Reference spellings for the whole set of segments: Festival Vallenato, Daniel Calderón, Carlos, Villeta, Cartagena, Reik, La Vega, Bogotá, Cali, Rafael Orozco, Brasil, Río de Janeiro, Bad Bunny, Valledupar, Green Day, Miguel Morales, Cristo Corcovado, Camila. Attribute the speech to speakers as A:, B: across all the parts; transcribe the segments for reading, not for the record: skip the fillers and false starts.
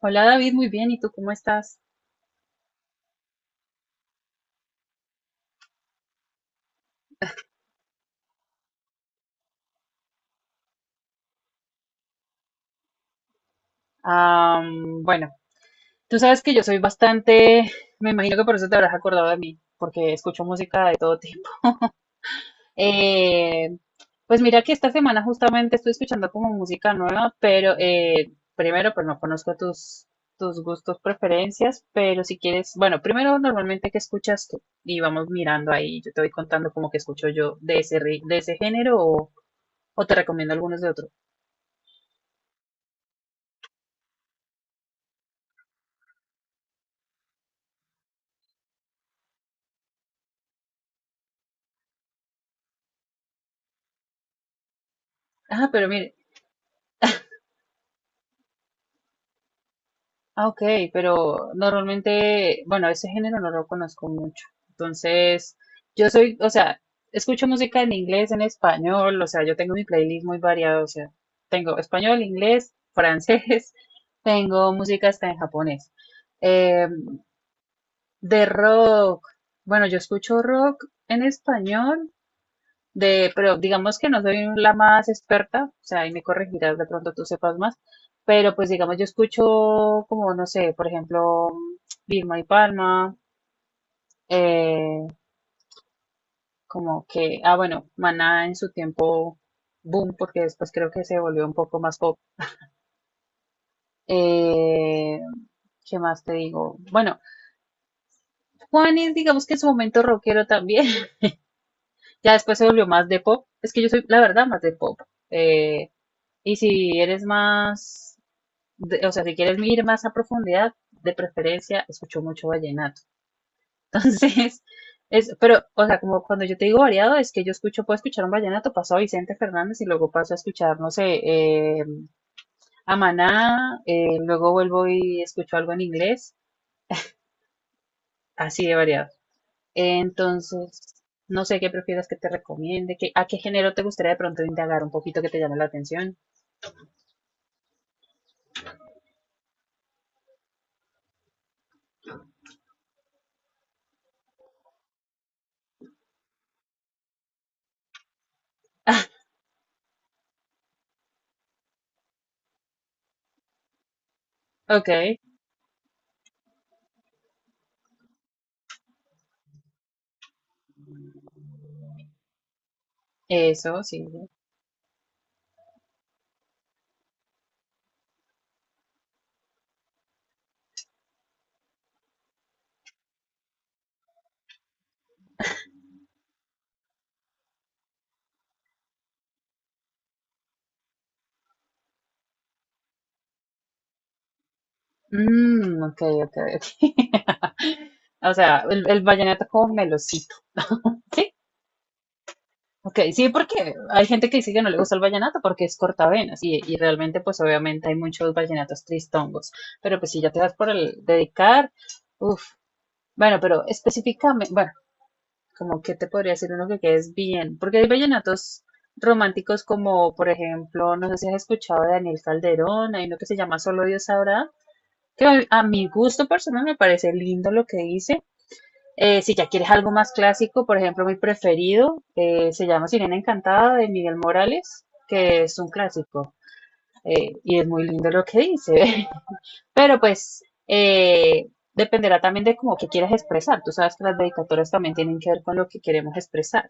A: Hola David, muy bien. ¿Y tú cómo estás? Bueno, tú sabes que yo soy bastante, me imagino que por eso te habrás acordado de mí, porque escucho música de todo tipo. Eh, pues mira que esta semana justamente estoy escuchando como música nueva, pero primero, pues no conozco tus gustos, preferencias, pero si quieres, bueno, primero normalmente qué escuchas tú y vamos mirando ahí, yo te voy contando como que escucho yo de de ese género o te recomiendo algunos de otros. Ah, pero mire. Ah, ok, pero normalmente, bueno, ese género no lo conozco mucho. Entonces, yo soy, o sea, escucho música en inglés, en español, o sea, yo tengo mi playlist muy variado, o sea, tengo español, inglés, francés, tengo música hasta en japonés. Eh, de rock, bueno, yo escucho rock en español, de, pero digamos que no soy la más experta, o sea, ahí me corregirás, de pronto tú sepas más, pero pues digamos yo escucho como, no sé, por ejemplo, Vilma y Palma, eh, como que, ah, bueno, Maná en su tiempo, boom, porque después creo que se volvió un poco más pop. Eh, ¿Qué más te digo? Bueno, Juanes, digamos que en su momento rockero también, ya después se volvió más de pop, es que yo soy, la verdad, más de pop. Eh, y si eres más o sea, si quieres ir más a profundidad, de preferencia escucho mucho vallenato. Entonces, es, pero, o sea, como cuando yo te digo variado, es que yo escucho, puedo escuchar un vallenato, paso a Vicente Fernández y luego paso a escuchar, no sé, eh, a Maná, luego vuelvo y escucho algo en inglés, así de variado. Entonces, no sé qué prefieras que te recomiende, que, a qué género te gustaría de pronto indagar un poquito que te llame la atención. Ok, eso, sí. Mm, ok, ok, ok. O sea, el vallenato como melocito, ¿sí? Ok, sí, porque hay gente que dice que no le gusta el vallenato porque es cortavenas y realmente pues obviamente hay muchos vallenatos tristongos, pero pues si ya te das por el dedicar, uff, bueno, pero específicamente, bueno, como que te podría decir uno que quedes bien, porque hay vallenatos románticos como por ejemplo, no sé si has escuchado de Daniel Calderón, hay uno que se llama Solo Dios sabrá, que a mi gusto personal me parece lindo lo que hice. Si ya quieres algo más clásico, por ejemplo, mi preferido se llama Sirena Encantada de Miguel Morales, que es un clásico y es muy lindo lo que dice. Pero pues dependerá también de cómo que quieras expresar. Tú sabes que las dedicatorias también tienen que ver con lo que queremos expresar.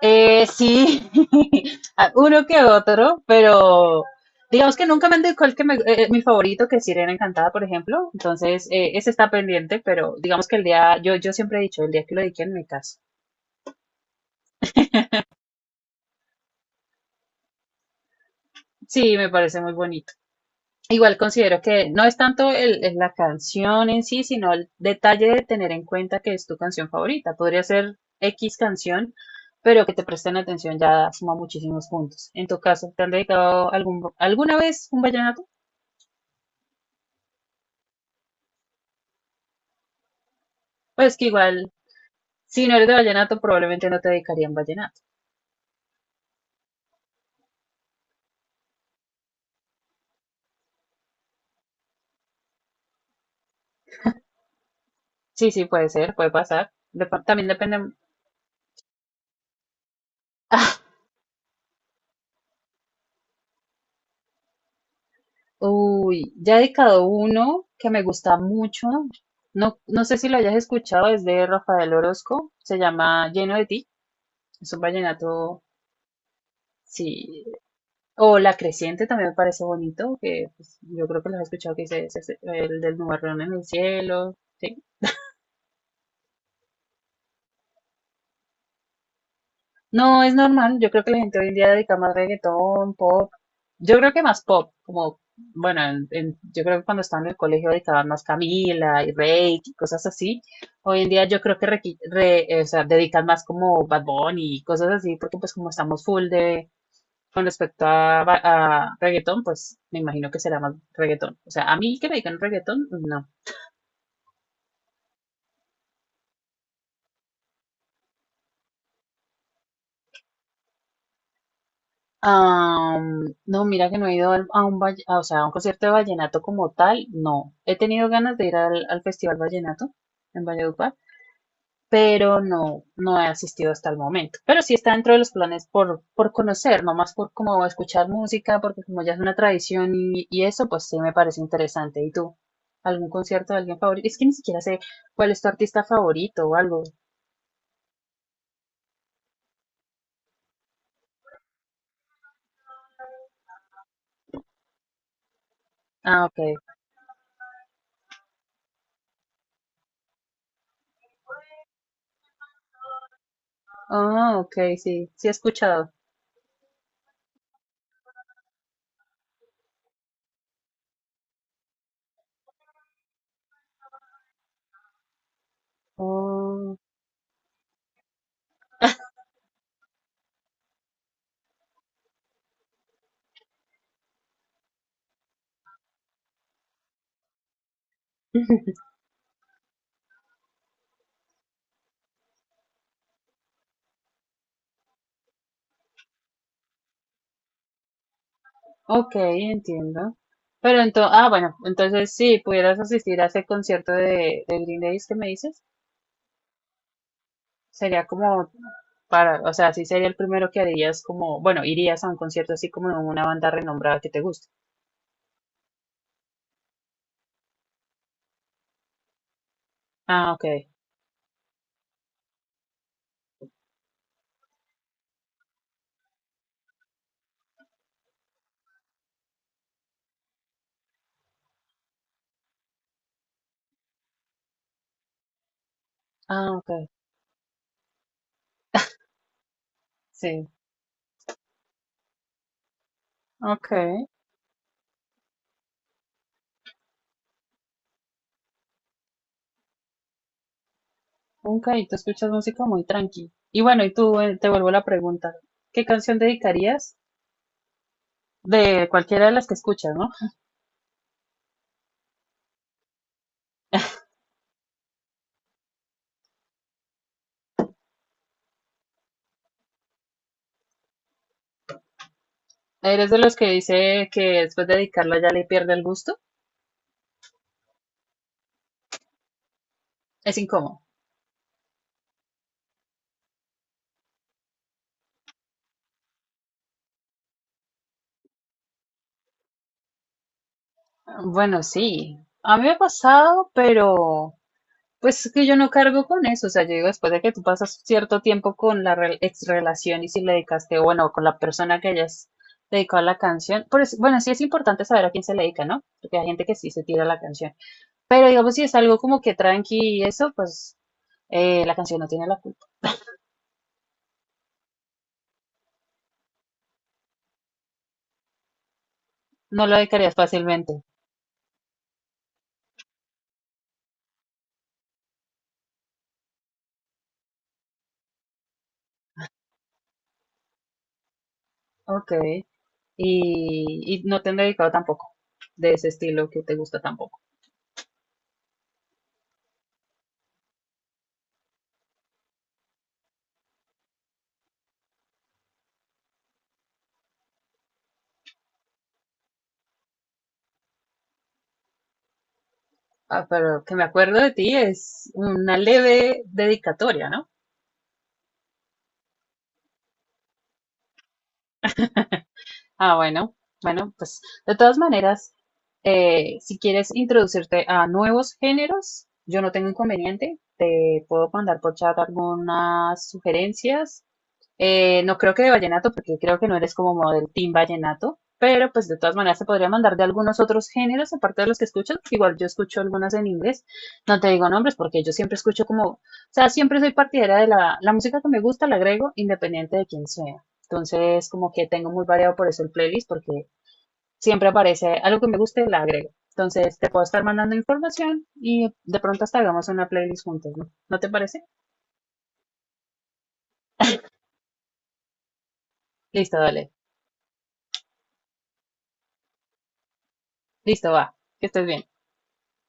A: Sí, a- uno que otro, pero digamos que nunca me han dicho cuál que mi favorito, que es Sirena Encantada, por ejemplo. Entonces, ese está pendiente, pero digamos que el día, yo siempre he dicho, el día que lo dediquen me caso. Sí, me parece muy bonito. Igual considero que no es tanto la canción en sí, sino el detalle de tener en cuenta que es tu canción favorita. Podría ser X canción, pero que te presten atención ya suma muchísimos puntos. En tu caso, ¿te han dedicado algún, alguna vez un vallenato? Pues que igual, si no eres de vallenato, probablemente no te dedicarían vallenato. Sí, sí, puede ser, puede pasar. Dep- también depende. Ah, uy, ya he dedicado uno que me gusta mucho. No, no sé si lo hayas escuchado, es de Rafael Orozco. Se llama Lleno de ti. Es un vallenato, sí. O La Creciente también me parece bonito, que pues, yo creo que lo has escuchado, que dice "Ese es el del nubarrón en el cielo". Sí. No, es normal. Yo creo que la gente hoy en día dedica más reggaetón, pop. Yo creo que más pop, como, bueno, yo creo que cuando estaba en el colegio dedicaban más Camila y Reik y cosas así. Hoy en día yo creo que o sea, dedican más como Bad Bunny y cosas así, porque pues como estamos full de, con respecto a reggaetón, pues me imagino que será más reggaetón. O sea, a mí que me dedican reggaetón, no. No, mira que no he ido a un, o sea, a un concierto de vallenato como tal, no. He tenido ganas de ir al Festival Vallenato en Valledupar, pero no, no he asistido hasta el momento. Pero sí está dentro de los planes por conocer, no más por como escuchar música, porque como ya es una tradición y eso, pues sí me parece interesante. ¿Y tú? ¿Algún concierto de alguien favorito? Es que ni siquiera sé cuál es tu artista favorito o algo. Ah, ok. Ah, ok, sí, sí he escuchado. Oh. Ok, entiendo. Pero entonces, ah, bueno, entonces si pudieras asistir a ese concierto de Green Days que me dices, sería como para, o sea, sí sería el primero que harías como, bueno, irías a un concierto así como de una banda renombrada que te guste. Ah, ok, ah, ok, sí, ok, ok, tú escuchas música muy tranqui. Y bueno, y tú, te vuelvo la pregunta, ¿qué canción dedicarías? De cualquiera de las que escuchas, ¿no? ¿Eres de los que dice que después de dedicarla ya le pierde el gusto? Es incómodo. Bueno, sí, a mí me ha pasado, pero pues es que yo no cargo con eso, o sea, yo digo, después de que tú pasas cierto tiempo con la rel- ex relación y si le dedicaste, bueno, con la persona que hayas dedicado a la canción, por eso- bueno, sí es importante saber a quién se le dedica, ¿no? Porque hay gente que sí se tira la canción, pero digamos, si es algo como que tranqui y eso, pues la canción no tiene la culpa, no lo dedicarías fácilmente, ok, y no te han dedicado tampoco de ese estilo que te gusta tampoco. Ah, pero que me acuerdo de ti es una leve dedicatoria, ¿no? Ah, bueno, bueno, pues de todas maneras, si quieres introducirte a nuevos géneros, yo no tengo inconveniente, te puedo mandar por chat algunas sugerencias. No creo que de vallenato, porque creo que no eres como model team vallenato, pero pues de todas maneras se podría mandar de algunos otros géneros, aparte de los que escuchas. Igual yo escucho algunas en inglés, no te digo nombres, porque yo siempre escucho como, o sea, siempre soy partidaria de la música que me gusta, la agrego, independiente de quién sea. Entonces, como que tengo muy variado por eso el playlist, porque siempre aparece algo que me guste, la agrego. Entonces, te puedo estar mandando información y de pronto hasta hagamos una playlist juntos, ¿no? ¿No te parece? Listo, dale. Listo, va. Que estés bien.